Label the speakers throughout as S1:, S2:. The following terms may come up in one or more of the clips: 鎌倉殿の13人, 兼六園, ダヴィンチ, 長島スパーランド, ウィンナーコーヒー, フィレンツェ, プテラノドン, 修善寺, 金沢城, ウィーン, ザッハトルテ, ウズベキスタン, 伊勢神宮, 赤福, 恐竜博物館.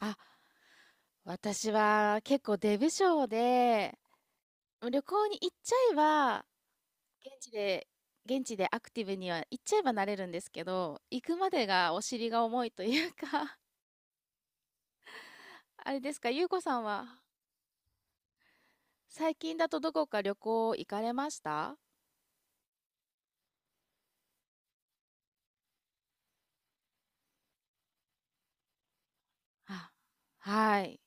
S1: あ、私は結構出不精で、旅行に行っちゃえば、現地で、現地でアクティブには行っちゃえばなれるんですけど、行くまでがお尻が重いというか あれですか、ゆうこさんは、最近だとどこか旅行行かれました？あ、はい。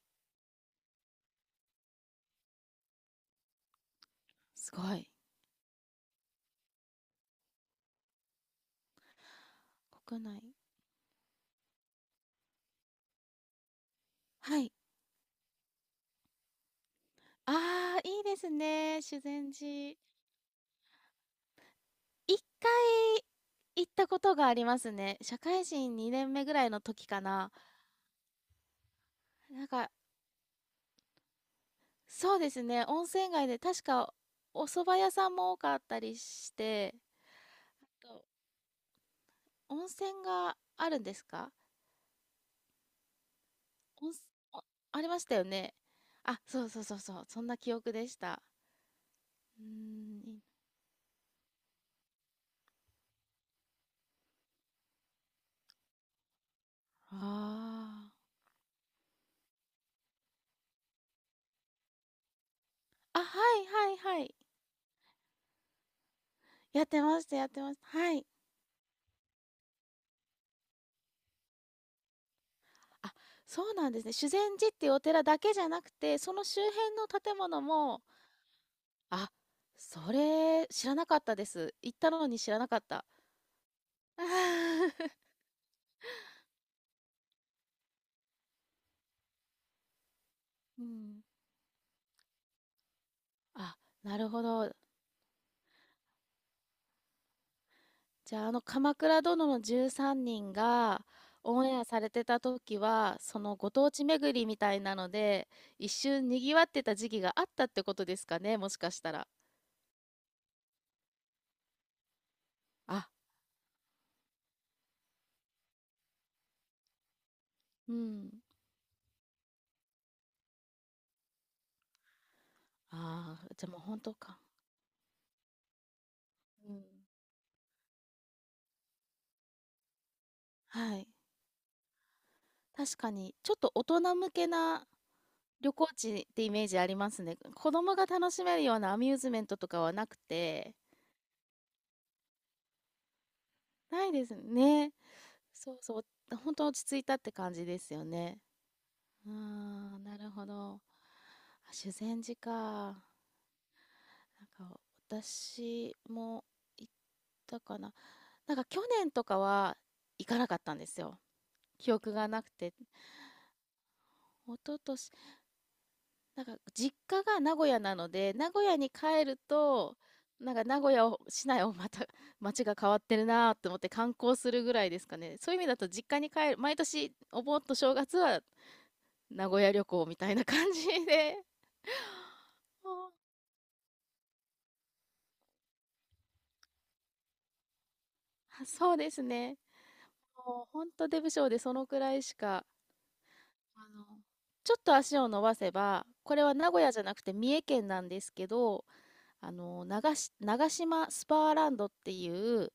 S1: すごい。国内。はい。ああ、いいですね。修善寺。一回行ったことがありますね。社会人2年目ぐらいの時かな。なんか、そうですね、温泉街で確かお蕎麦屋さんも多かったりして、と、温泉があるんですか？温泉。あ、ありましたよね。あ、そうそうそうそう、そんな記憶でした。うーん、い。ああ。あ、はいはいはい。やってましたやってました。はい。あ、そうなんですね。修善寺っていうお寺だけじゃなくて、その周辺の建物も。あ、それ知らなかったです。行ったのに知らなかった。うん。あ、なるほど。じゃあ、あの「鎌倉殿の13人」がオンエアされてた時は、そのご当地巡りみたいなので、一瞬賑わってた時期があったってことですかね、もしかしたら。あ、うん。ああ、じゃ、もう本当か。うん。はい。確かに、ちょっと大人向けな旅行地ってイメージありますね。子供が楽しめるようなアミューズメントとかはなくて。ないですね。そうそう、本当落ち着いたって感じですよね。ああ、なるほど。あ、修善寺か。なんか私も行ったかな。なんか去年とかは行かなかったんですよ。記憶がなくて。一昨年、なんか実家が名古屋なので、名古屋に帰ると、なんか名古屋を、市内をまた、街が変わってるなと思って観光するぐらいですかね。そういう意味だと実家に帰る、毎年お盆と正月は名古屋旅行みたいな感じで。あ、そうですね。もう本当出不精でそのくらいしか、あの、ちょっと足を伸ばせば、これは名古屋じゃなくて三重県なんですけど、長島スパーランドっていう、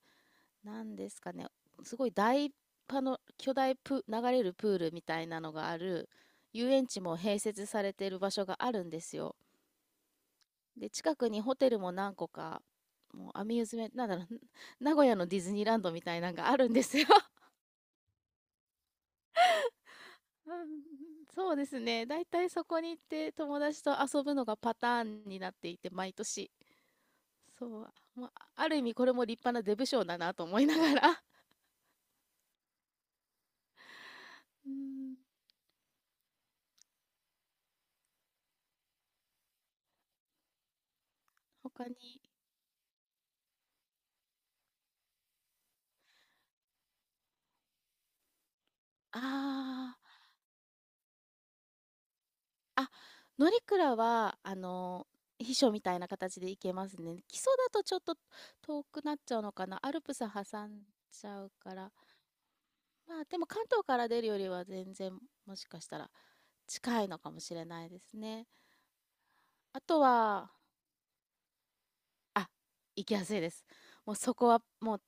S1: なんですかね、すごい大パの巨大プ、流れるプールみたいなのがある、遊園地も併設されている場所があるんですよ。で、近くにホテルも何個か、もうアミューズメント、なんだろう、名古屋のディズニーランドみたいなのがあるんですよ。うん、そうですね。だいたいそこに行って友達と遊ぶのがパターンになっていて、毎年。そう。まあ、ある意味これも立派なデブ賞だなと思いながら。うん、他に。ああ、あ、乗鞍は、秘書みたいな形で行けますね。基礎だとちょっと遠くなっちゃうのかな。アルプス挟んちゃうから。まあでも関東から出るよりは全然もしかしたら近いのかもしれないですね。あとは、あ、行きやすいです。もうそこは、もう、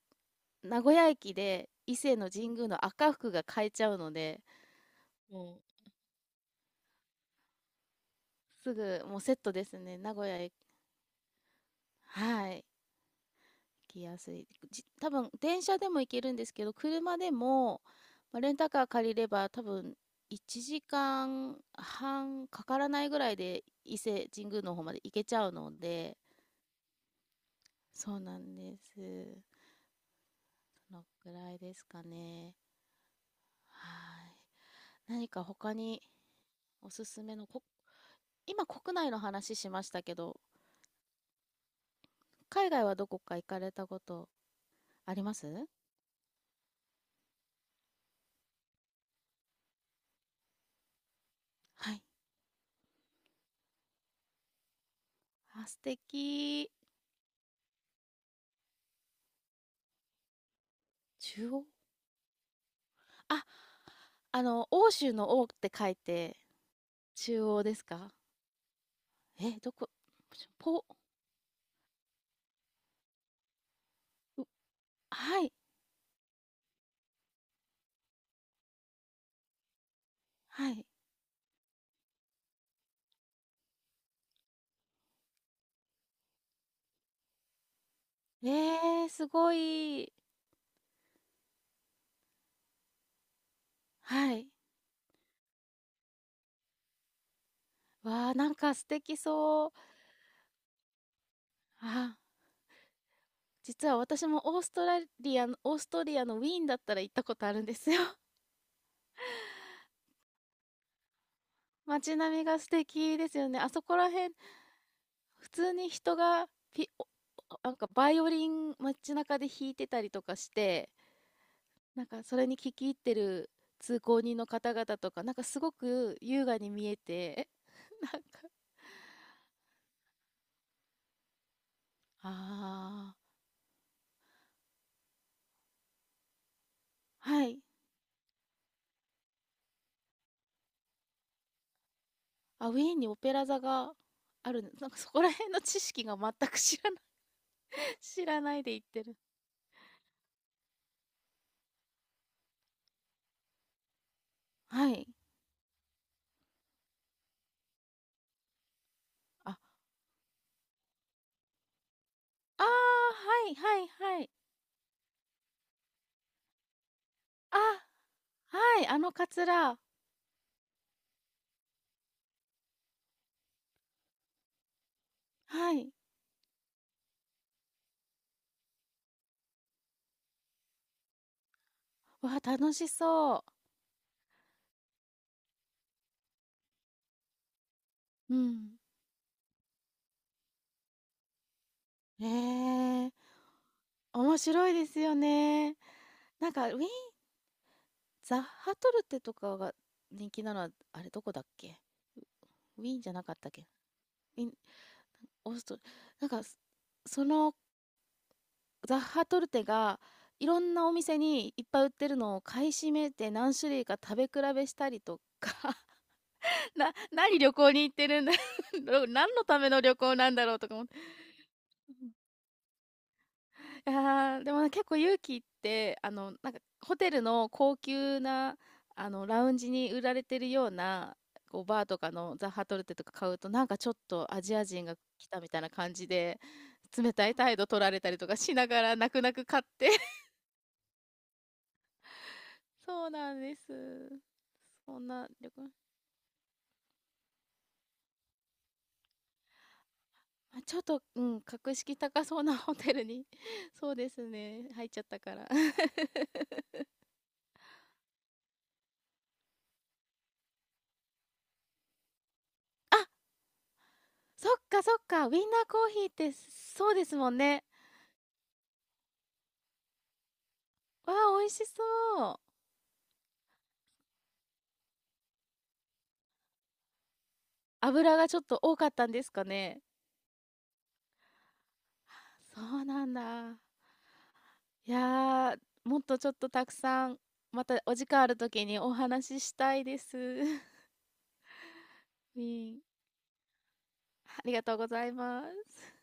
S1: 名古屋駅で伊勢の神宮の赤福が買えちゃうので、もう。すぐもうセットですね。名古屋へ、はい、行きやすい。多分電車でも行けるんですけど、車でも、まあ、レンタカー借りれば多分1時間半かからないぐらいで伊勢神宮の方まで行けちゃうので、そうなんです。そのくらいですかね。はい。何か他におすすめのこ、今国内の話しましたけど、海外はどこか行かれたことあります？はい。あ、素敵。中央。あ、欧州の欧って書いて、中央ですか？え、どこポ、う。はい、はい。えすごい。はい。わあ、なんか素敵そう。あ、実は私もオーストラリアの、オーストリアのウィーンだったら行ったことあるんですよ。街並みが素敵ですよね。あそこら辺、普通に人がピお、なんかバイオリン街中で弾いてたりとかして、なんかそれに聞き入ってる通行人の方々とか、なんかすごく優雅に見えて、なんか、ああ、はい。あ、ウィーンにオペラ座がある、なんかそこら辺の知識が全く知らない、知らないで言ってる。はい。あ、ああ、はい、はい、はい。あ、はい、あのカツラ。はい。わ、楽しそう。うん。ええ、面白いですよね。なんか、ウィーンザッハトルテとかが人気なのは、あれどこだっけ？ウィーンじゃなかったっけ？ウィーンオーストリ、なんか、そのザッハトルテがいろんなお店にいっぱい売ってるのを買い占めて何種類か食べ比べしたりとか、何旅行に行ってるんだ。 何のための旅行なんだろうとか思って。でも結構勇気って、なんかホテルの高級な、ラウンジに売られてるような、こう、バーとかのザ・ハトルテとか買うと、なんかちょっとアジア人が来たみたいな感じで、冷たい態度取られたりとかしながら、泣く泣く買って そうなんです。そんな旅行、ま、ちょっと、うん、格式高そうなホテルに そうですね、入っちゃったから。あ、そっかそっか、ウィンナーコーヒーってそうですもんね。わあ、美味しそう。油がちょっと多かったんですかね。そうなんだ。いやー、もっとちょっとたくさん、またお時間あるときにお話ししたいです。ウィーン。ありがとうございます。